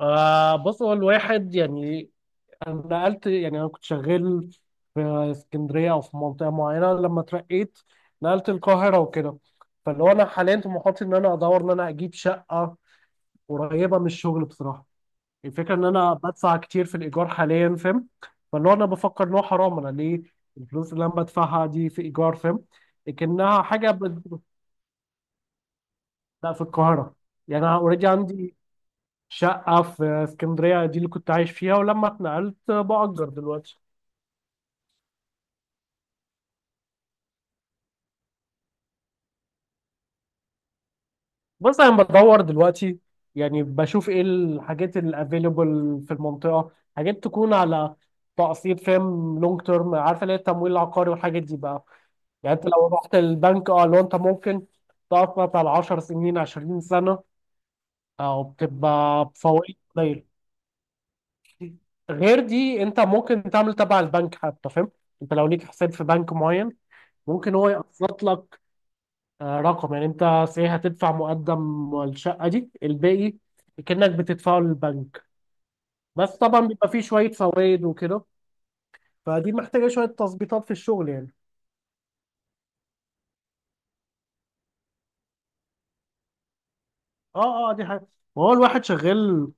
بص، هو الواحد يعني انا نقلت. يعني انا كنت شغال في اسكندريه او في منطقه معينه. لما اترقيت نقلت القاهره وكده. فاللي هو انا حاليا طموحاتي ان انا ادور ان انا اجيب شقه قريبه من الشغل بصراحه. الفكره ان انا بدفع كتير في الايجار حاليا، فاهم؟ فاللي هو انا بفكر ان هو حرام انا ليه الفلوس اللي انا بدفعها دي في ايجار، فاهم؟ لكنها حاجه لا، في القاهره. يعني انا اوريدي عندي شقة في اسكندرية، دي اللي كنت عايش فيها، ولما اتنقلت بأجر دلوقتي. بس أنا بدور دلوقتي، يعني بشوف إيه الحاجات الأفيلبل في المنطقة، حاجات تكون على تقسيط، فاهم؟ لونج تيرم، عارفة اللي هي التمويل العقاري والحاجات دي بقى. يعني أنت لو رحت البنك، أه لو أنت ممكن تقسط على 10 سنين 20 سنة، أو بتبقى بفوائد قليلة. غير دي أنت ممكن تعمل تبع البنك حتى، فاهم؟ أنت لو ليك حساب في بنك معين ممكن هو يقسط لك. رقم. يعني انت صحيح هتدفع مقدم الشقة، دي الباقي كأنك بتدفعه للبنك. بس طبعا بيبقى فيه شوية فوائد وكده، فدي محتاجة شوية تظبيطات في الشغل يعني. اه اه، دي حاجة. وهو الواحد شغال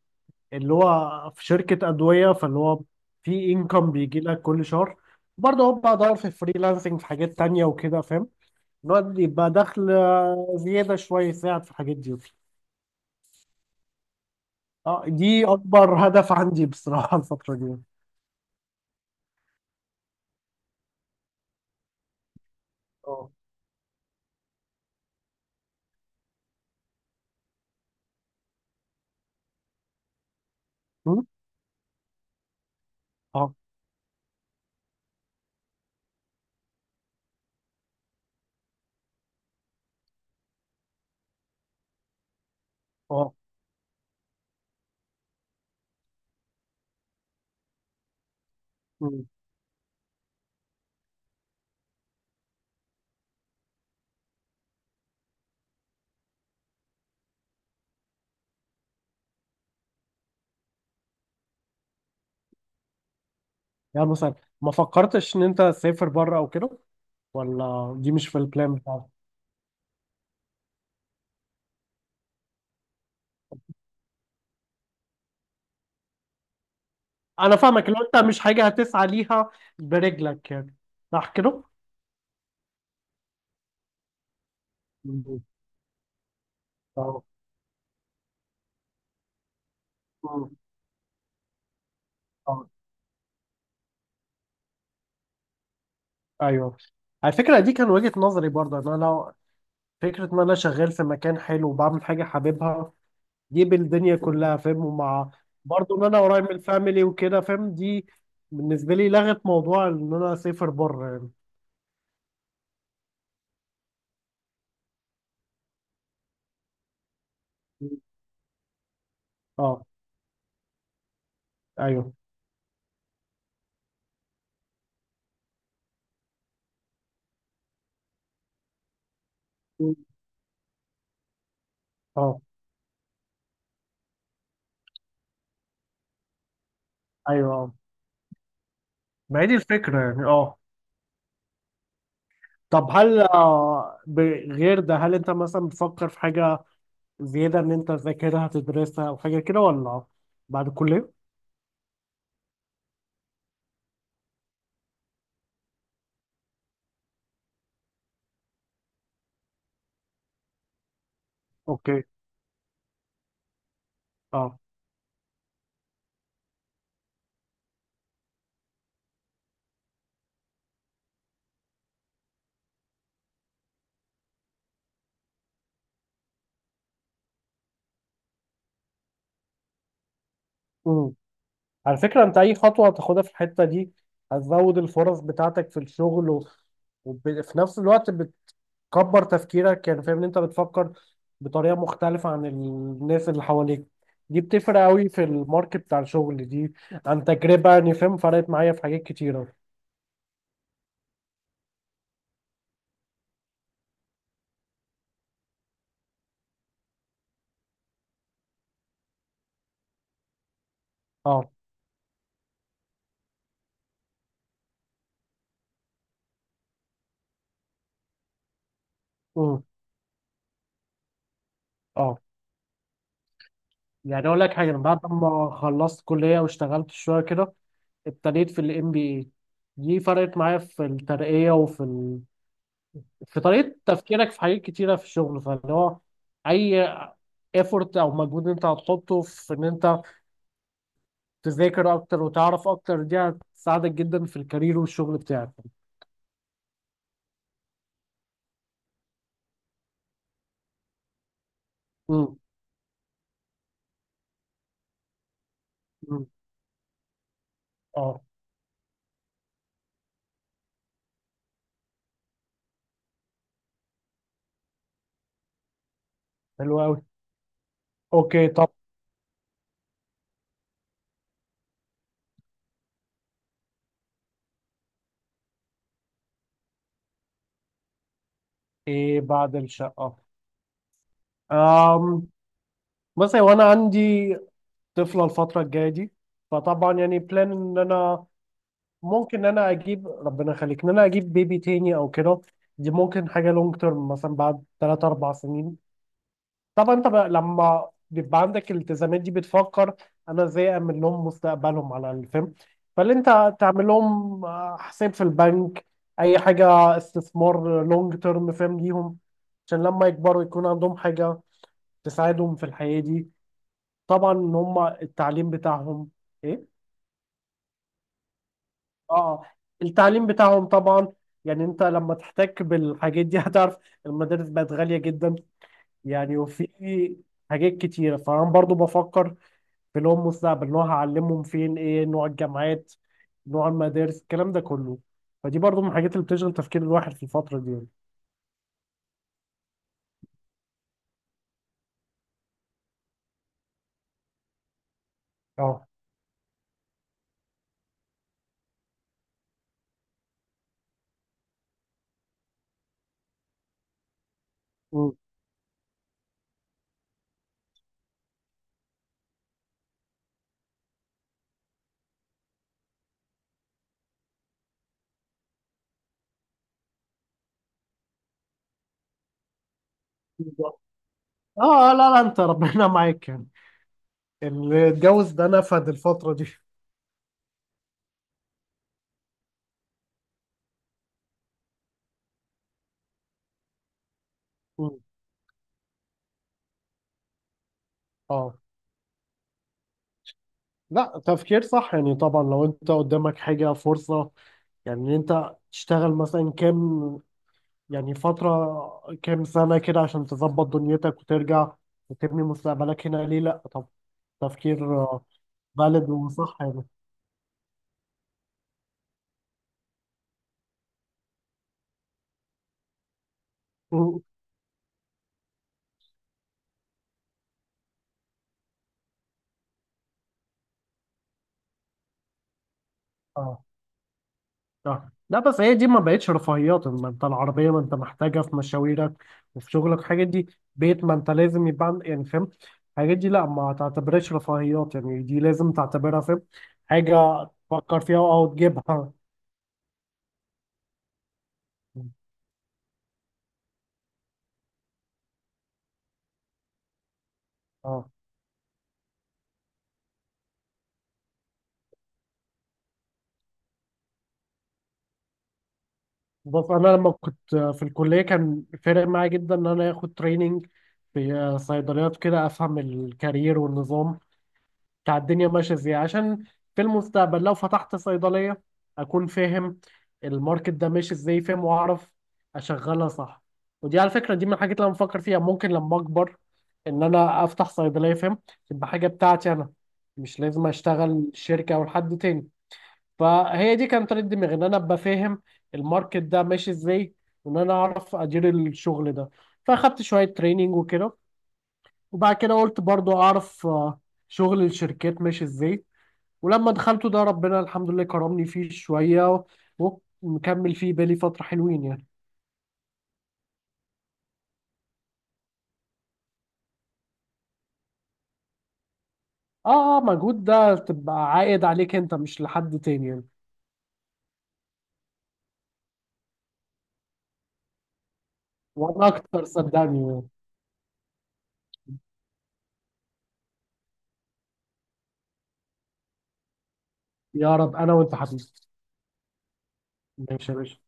اللي هو في شركة أدوية، فاللي هو في انكم بيجي لك كل شهر. برضه هو بدور في فريلانسنج في حاجات تانية وكده، فاهم؟ إن هو يبقى دخل زيادة شوية، يساعد في الحاجات دي. اه دي أكبر هدف عندي بصراحة الفترة دي. اه. م؟ اه اه. مم. يعني مثلا ما فكرتش ان انت تسافر بره او كده، ولا دي مش في البلان بتاعك؟ انا فاهمك، لو انت مش حاجه هتسعى ليها برجلك يعني، صح كده؟ مم. اه. مم. اه ايوه، على فكره دي كان وجهه نظري برضه، ان انا لو فكره ان انا شغال في مكان حلو وبعمل حاجه حاببها دي بالدنيا كلها، فاهم؟ ومع برضه ان انا قريب من الفاميلي وكده، فاهم؟ دي بالنسبه لي لغت موضوع ان انا اسافر بره يعني. مم. اه ايوه. مم. اه ايوه، ما هي دي الفكرة يعني. اه طب، هل غير ده هل انت مثلا بتفكر في حاجة زيادة ان انت تذاكرها تدرسها او حاجة كده، ولا بعد الكلية؟ اوكي. اه. امم. على فكرة انت اي خطوة هتاخدها في الحتة دي هتزود الفرص بتاعتك في الشغل وفي نفس الوقت بتكبر تفكيرك يعني، فاهم؟ ان انت بتفكر بطريقة مختلفة عن الناس اللي حواليك، دي بتفرق قوي في الماركت بتاع الشغل دي، عن تجربة يعني، فاهم؟ فرقت معايا في حاجات كتيرة. اه. اه، يعني اقول لك حاجه، أنا بعد ما خلصت كليه واشتغلت شويه كده ابتديت في الام بي اي، دي فرقت معايا في الترقيه في طريقه تفكيرك في حاجات كتيره في الشغل، فاللي هو اي ايفورت او مجهود انت هتحطه في ان انت تذاكر اكتر وتعرف اكتر، دي هتساعدك جدا في الكارير والشغل بتاعك. امم. أمم. اه حلو قوي. اوكي طب، ايه بعد الشقه؟ أم... مثلا، وانا عندي طفله الفتره الجايه دي، فطبعا يعني بلان ان انا ممكن ان انا اجيب، ربنا يخليك، ان انا اجيب بيبي تاني او كده. دي ممكن حاجه لونج تيرم مثلا بعد 3 4 سنين. طبعا انت بقى لما بيبقى عندك الالتزامات دي بتفكر انا ازاي اعمل لهم مستقبلهم على الفيلم. فاللي انت تعمل لهم حساب في البنك، اي حاجه استثمار لونج تيرم، فاهم؟ ليهم، عشان لما يكبروا يكون عندهم حاجه تساعدهم في الحياه دي. طبعا ان هم التعليم بتاعهم إيه؟ اه، التعليم بتاعهم طبعا. يعني انت لما تحتك بالحاجات دي هتعرف المدارس بقت غالية جدا يعني. وفي حاجات كتيرة، فانا برضو بفكر في لهم مستقبل، ان هو هعلمهم فين، ايه نوع الجامعات، نوع المدارس، الكلام ده كله. فدي برضو من الحاجات اللي بتشغل تفكير الواحد في الفترة دي يعني. اه. مم. بالظبط. اه لا لا، انت ربنا معاك يعني، اللي اتجوز ده نفد الفترة دي. مم. اه لا، تفكير صح يعني. طبعا لو انت قدامك حاجة فرصة يعني، ان انت تشتغل مثلا كام، يعني فترة كام سنة كده عشان تظبط دنيتك وترجع وتبني مستقبلك هنا، ليه لا؟ طب، تفكير بالغ وصح يعني. م- اه. آه. لا، بس هي دي ما بقتش رفاهيات، ما انت العربية ما انت محتاجها في مشاويرك وفي شغلك، الحاجات دي. بيت، ما انت لازم يبقى يعني فاهم، الحاجات دي لا ما تعتبرهاش رفاهيات يعني، دي لازم تعتبرها، فاهم؟ حاجة تفكر فيها او تجيبها. اه بص، انا لما كنت في الكليه كان فارق معايا جدا ان انا اخد تريننج في صيدليات كده، افهم الكارير والنظام بتاع الدنيا ماشيه ازاي، عشان في المستقبل لو فتحت صيدليه اكون فاهم الماركت ده ماشي ازاي، فاهم؟ واعرف اشغلها صح. ودي على فكره دي من الحاجات اللي انا بفكر فيها، ممكن لما اكبر ان انا افتح صيدليه، فاهم؟ تبقى حاجه بتاعتي انا، مش لازم اشتغل شركه او لحد تاني. فهي دي كانت طريقة دماغي، ان انا ابقى فاهم الماركت ده ماشي ازاي، وان انا اعرف ادير الشغل ده. فاخدت شوية تريننج وكده، وبعد كده قلت برضو اعرف شغل الشركات ماشي ازاي، ولما دخلته ده ربنا الحمد لله كرمني فيه شوية ومكمل فيه بالي فترة حلوين يعني. اه. اه، مجهود ده تبقى عائد عليك انت مش لحد تاني يعني. وانا اكتر صدقني يعني. يا رب، انا وانت حبيبي. ماشي يا باشا.